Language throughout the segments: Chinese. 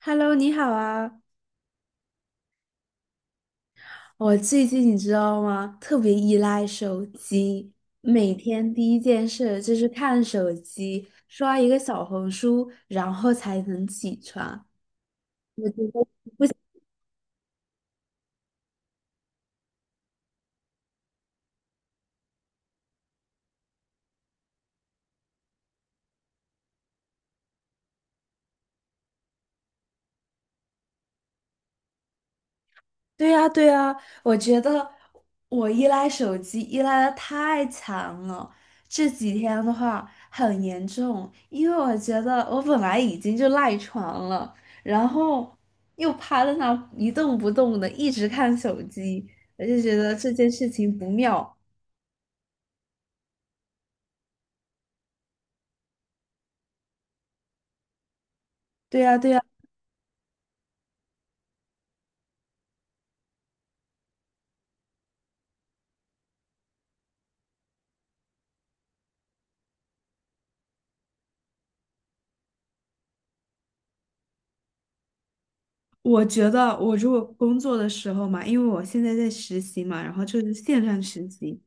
Hello，你好啊！我最近你知道吗？特别依赖手机，每天第一件事就是看手机，刷一个小红书，然后才能起床。对呀，对呀，我觉得我依赖手机依赖的太强了，这几天的话很严重，因为我觉得我本来已经就赖床了，然后又趴在那一动不动的，一直看手机，我就觉得这件事情不妙。对呀，对呀，我觉得我如果工作的时候嘛，因为我现在在实习嘛，然后就是线上实习，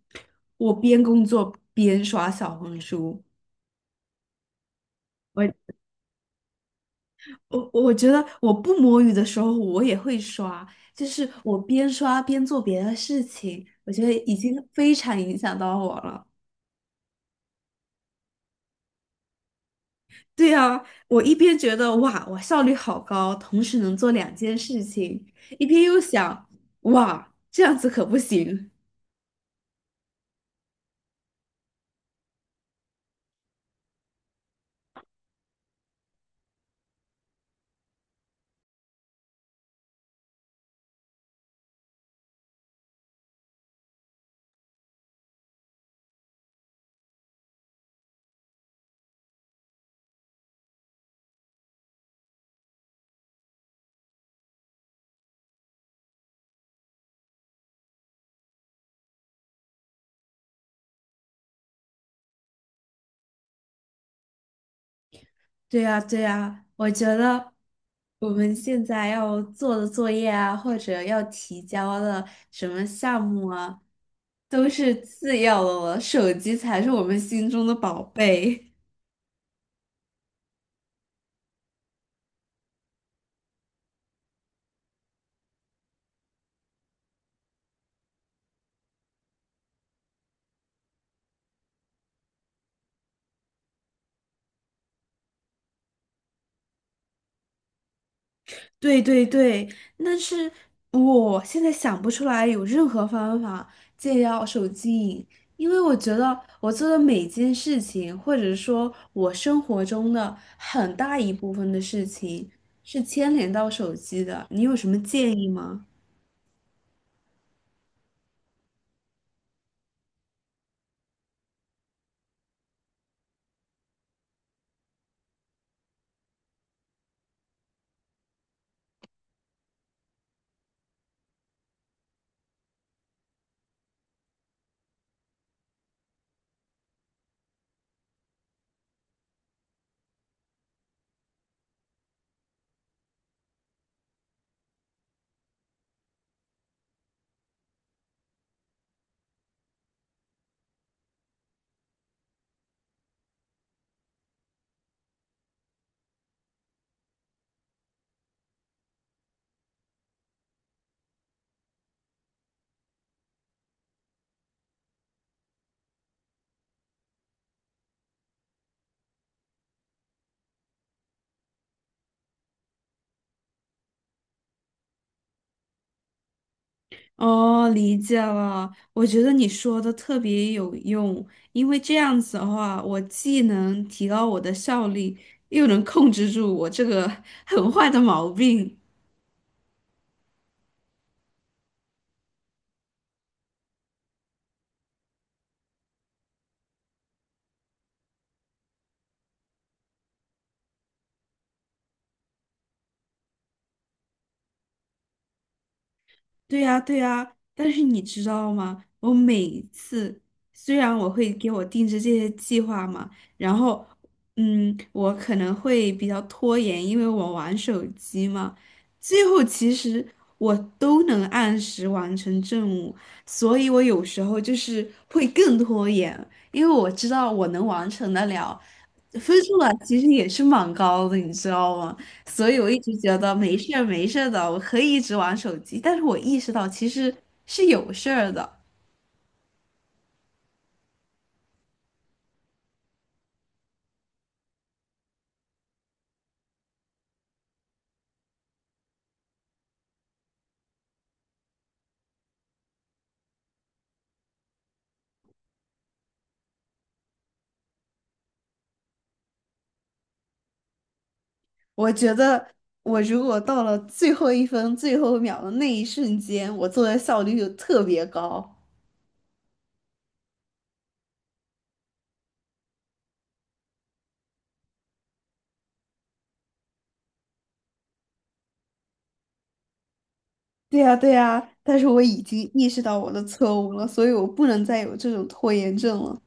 我边工作边刷小红书。我觉得我不摸鱼的时候，我也会刷，就是我边刷边做别的事情，我觉得已经非常影响到我了。对啊，我一边觉得哇，我效率好高，同时能做两件事情，一边又想哇，这样子可不行。对呀，对呀，我觉得我们现在要做的作业啊，或者要提交的什么项目啊，都是次要的了，手机才是我们心中的宝贝。对对对，但是我现在想不出来有任何方法戒掉手机瘾，因为我觉得我做的每件事情，或者说我生活中的很大一部分的事情，是牵连到手机的。你有什么建议吗？哦，理解了。我觉得你说的特别有用，因为这样子的话，我既能提高我的效率，又能控制住我这个 很坏的毛病。对呀，对呀，但是你知道吗？我每一次虽然我会给我定制这些计划嘛，然后，我可能会比较拖延，因为我玩手机嘛。最后其实我都能按时完成任务，所以我有时候就是会更拖延，因为我知道我能完成得了，分数啊其实也是蛮高的，你知道吗？所以我一直觉得没事儿没事儿的，我可以一直玩手机。但是我意识到其实是有事儿的。我觉得我如果到了最后一分最后一秒的那一瞬间，我做的效率就特别高。对呀，对呀，但是我已经意识到我的错误了，所以我不能再有这种拖延症了。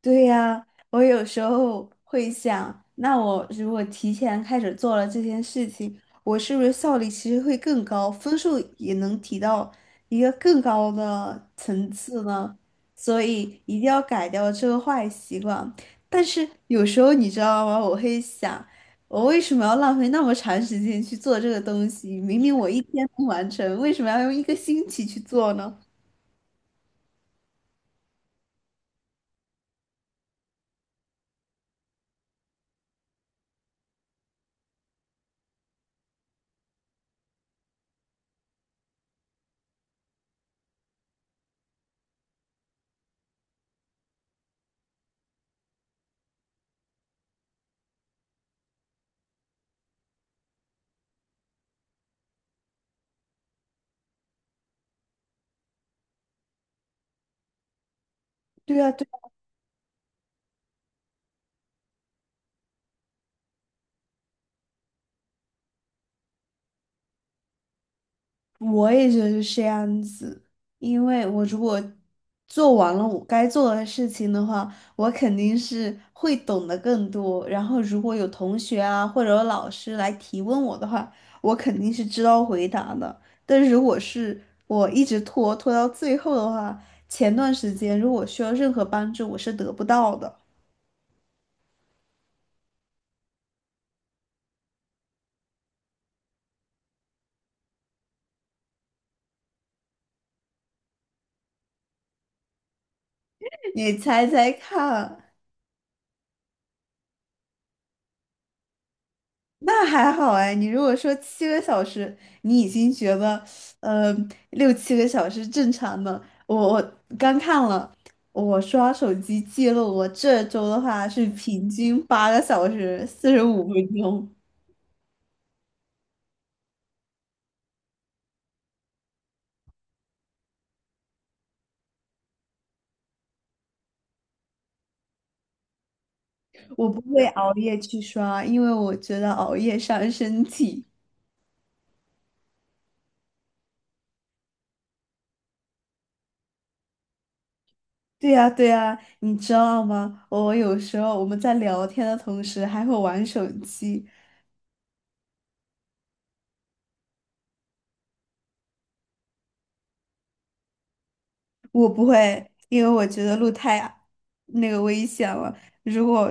对呀，我有时候会想，那我如果提前开始做了这件事情，我是不是效率其实会更高，分数也能提到一个更高的层次呢？所以一定要改掉这个坏习惯。但是有时候你知道吗？我会想，我为什么要浪费那么长时间去做这个东西？明明我一天能完成，为什么要用一个星期去做呢？对啊，我也觉得是这样子，因为我如果做完了我该做的事情的话，我肯定是会懂得更多。然后如果有同学啊或者有老师来提问我的话，我肯定是知道回答的。但是如果是我一直拖到最后的话，前段时间如果需要任何帮助，我是得不到的。你猜猜看？那还好哎，你如果说七个小时，你已经觉得，呃，六七个小时正常的。我刚看了，我刷手机记录，我这周的话是平均8个小时45分钟。我不会熬夜去刷，因为我觉得熬夜伤身体。对呀，对呀，你知道吗？我有时候我们在聊天的同时还会玩手机，我不会，因为我觉得路太危险了。如果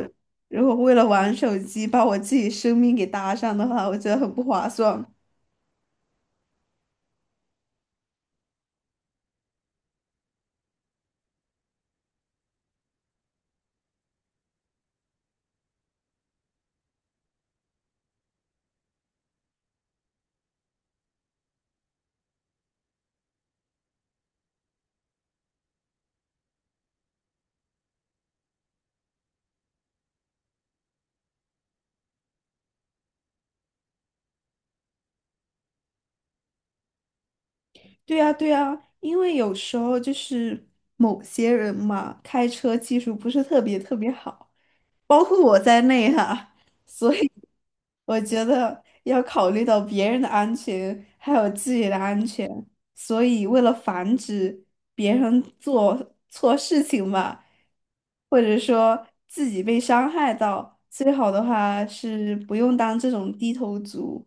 如果为了玩手机把我自己生命给搭上的话，我觉得很不划算。对呀，对呀，因为有时候就是某些人嘛，开车技术不是特别特别好。包括我在内哈，所以我觉得要考虑到别人的安全，还有自己的安全，所以为了防止别人做错事情吧，或者说自己被伤害到，最好的话是不用当这种低头族，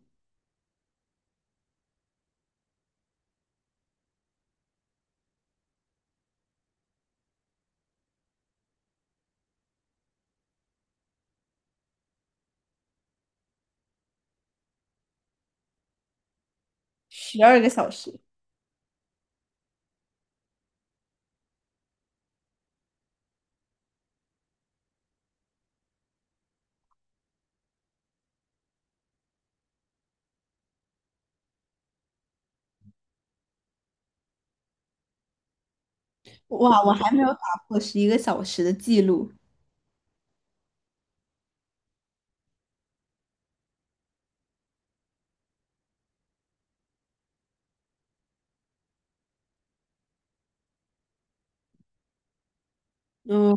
12个小时，哇，我还没有打破11个小时的记录。嗯。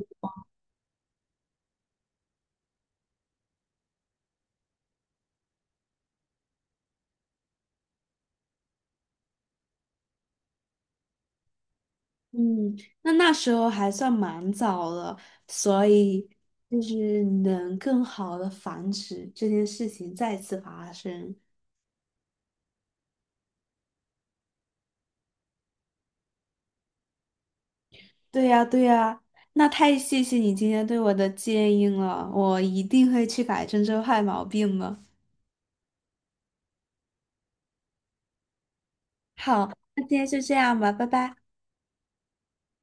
嗯，那时候还算蛮早了，所以就是能更好的防止这件事情再次发生。对呀，对呀，那太谢谢你今天对我的建议了，我一定会去改正这坏毛病的。好，那今天就这样吧，拜拜。